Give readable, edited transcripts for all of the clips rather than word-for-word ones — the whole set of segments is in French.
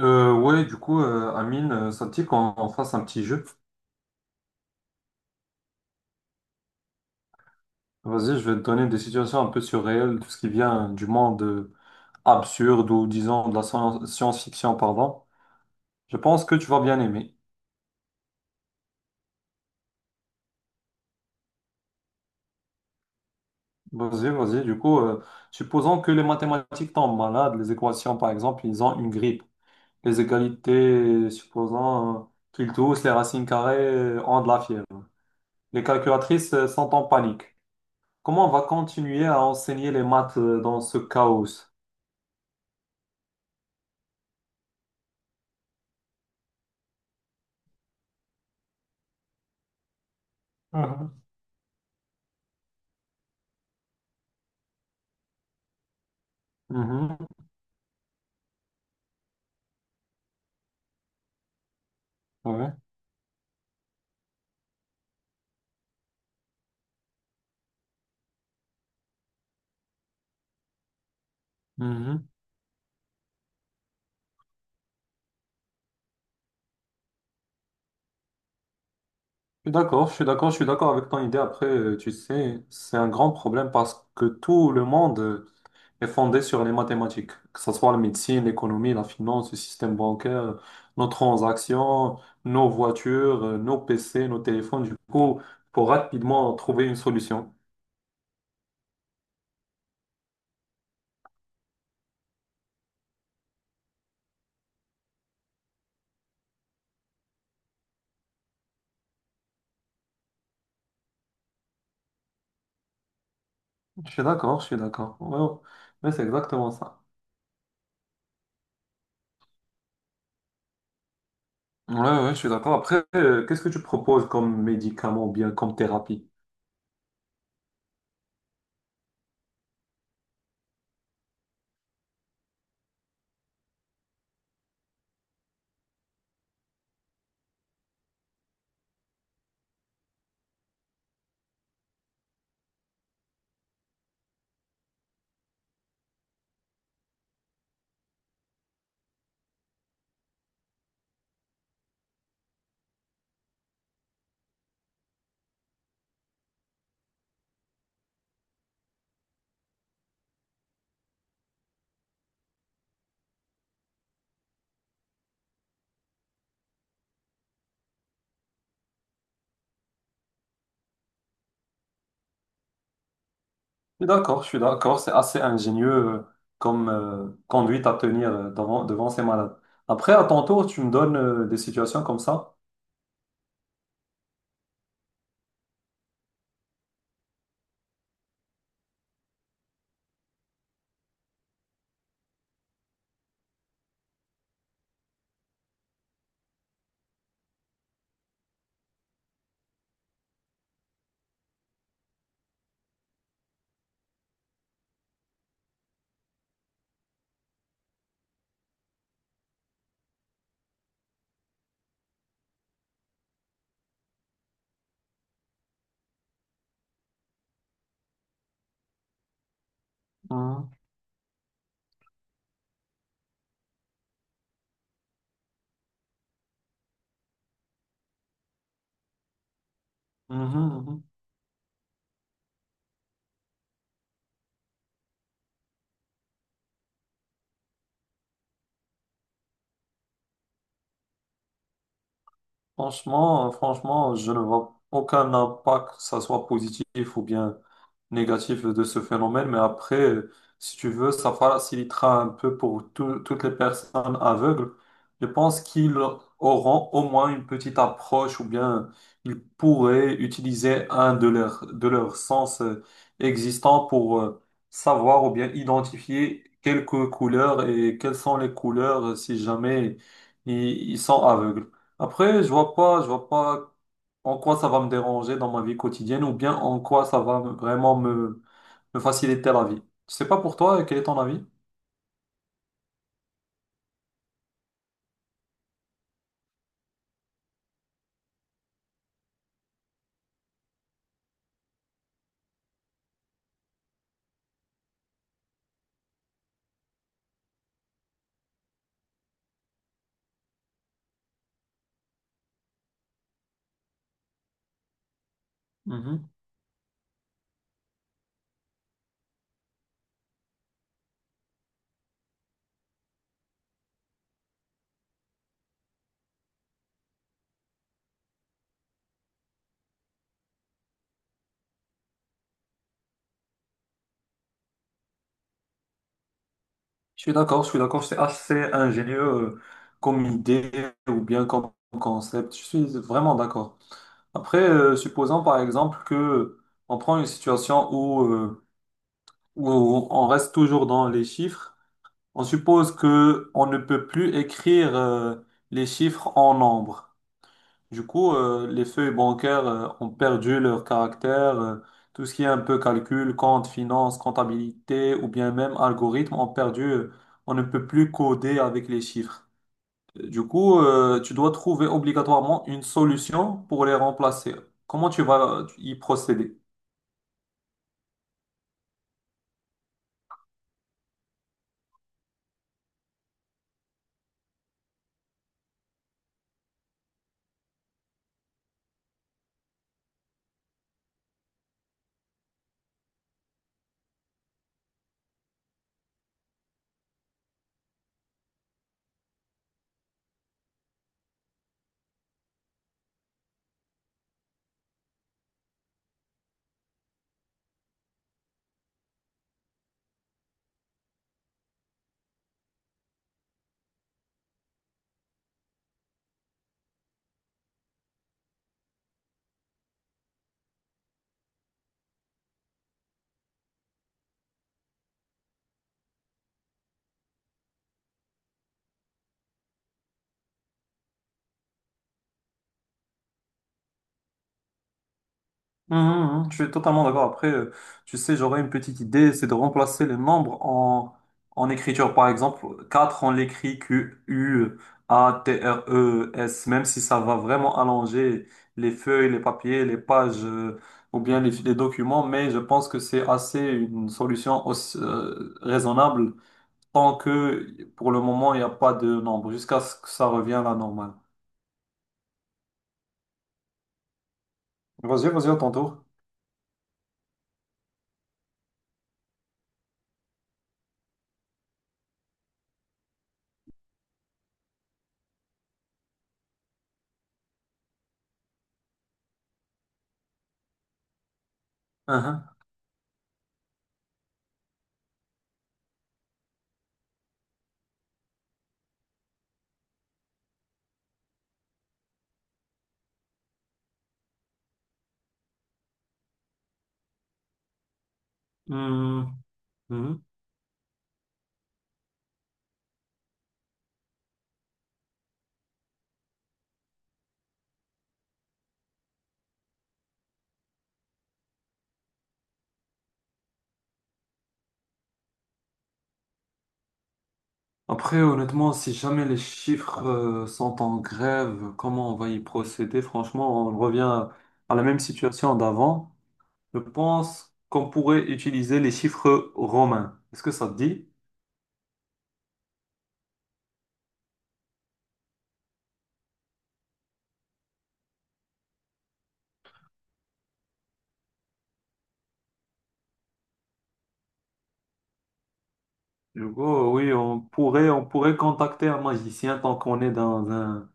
Amine, ça te dit qu'on on fasse un petit jeu? Vas-y, je vais te donner des situations un peu surréelles, tout ce qui vient du monde absurde, ou disons de la science-fiction, pardon. Je pense que tu vas bien aimer. Vas-y, vas-y. Supposons que les mathématiques tombent malades, les équations, par exemple, ils ont une grippe. Les égalités, supposons, qu'ils tous, les racines carrées, ont de la fièvre. Les calculatrices sont en panique. Comment on va continuer à enseigner les maths dans ce chaos? Mhm, ouais, mhm. Je suis d'accord, je suis d'accord, je suis d'accord avec ton idée. Après, tu sais, c'est un grand problème parce que tout le monde est fondé sur les mathématiques, que ce soit la médecine, l'économie, la finance, le système bancaire, nos transactions, nos voitures, nos PC, nos téléphones. Du coup, faut rapidement trouver une solution. Je suis d'accord, je suis d'accord. Ouais, ouais. Ouais, c'est exactement ça. Ouais, ouais, je suis d'accord. Après, qu'est-ce que tu proposes comme médicament ou bien comme thérapie? Je suis d'accord, je suis d'accord. C'est assez ingénieux comme conduite à tenir devant, devant ces malades. Après, à ton tour, tu me donnes des situations comme ça. Mhm, mhm, mhm. Franchement, franchement, je ne vois aucun impact, que ça soit positif ou bien négatif de ce phénomène, mais après, si tu veux, ça facilitera un peu pour toutes les personnes aveugles. Je pense qu'ils auront au moins une petite approche ou bien ils pourraient utiliser un de leurs sens existants pour savoir ou bien identifier quelques couleurs et quelles sont les couleurs si jamais ils sont aveugles. Après, je vois pas en quoi ça va me déranger dans ma vie quotidienne ou bien en quoi ça va vraiment me, me faciliter la vie. Je sais pas pour toi, quel est ton avis? Mhm. Je suis d'accord, c'est assez ingénieux comme idée ou bien comme concept. Je suis vraiment d'accord. Après, supposons par exemple que on prend une situation où, où on reste toujours dans les chiffres, on suppose que on ne peut plus écrire les chiffres en nombre. Du coup, les feuilles bancaires ont perdu leur caractère. Tout ce qui est un peu calcul, compte, finance, comptabilité ou bien même algorithme ont perdu. On ne peut plus coder avec les chiffres. Du coup, tu dois trouver obligatoirement une solution pour les remplacer. Comment tu vas y procéder? Mhm, mhm, je suis totalement d'accord. Après, tu sais, j'aurais une petite idée, c'est de remplacer les membres en, en écriture. Par exemple, 4 on l'écrit Q, U, A, T, R, E, S, même si ça va vraiment allonger les feuilles, les papiers, les pages, ou bien les documents, mais je pense que c'est assez une solution aussi, raisonnable tant que pour le moment, il n'y a pas de nombre, jusqu'à ce que ça revienne à la normale. Vas-y, vas-y, à ton tour. Mhm. Mhm. Après, honnêtement, si jamais les chiffres sont en grève, comment on va y procéder? Franchement, on revient à la même situation d'avant. Je pense qu'on pourrait utiliser les chiffres romains. Est-ce que ça te dit? Du coup, oui, on pourrait contacter un magicien tant qu'on est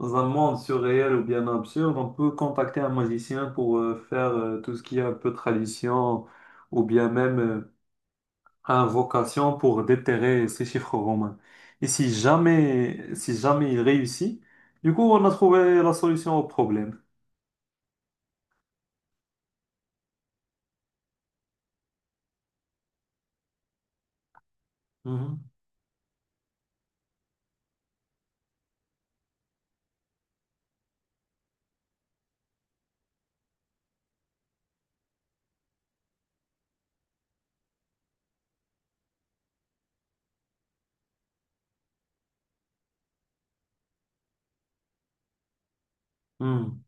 dans un monde surréel ou bien absurde. On peut contacter un magicien pour faire tout ce qui est un peu tradition ou bien même a vocation pour déterrer ces chiffres romains. Et si jamais, si jamais il réussit, du coup, on a trouvé la solution au problème. Mhm. Mhm.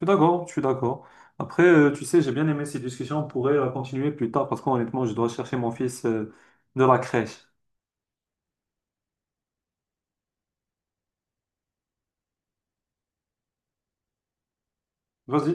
Je suis d'accord, je suis d'accord. Après, tu sais, j'ai bien aimé cette discussion. On pourrait la continuer plus tard parce qu'honnêtement, je dois chercher mon fils de la crèche. Vas-y.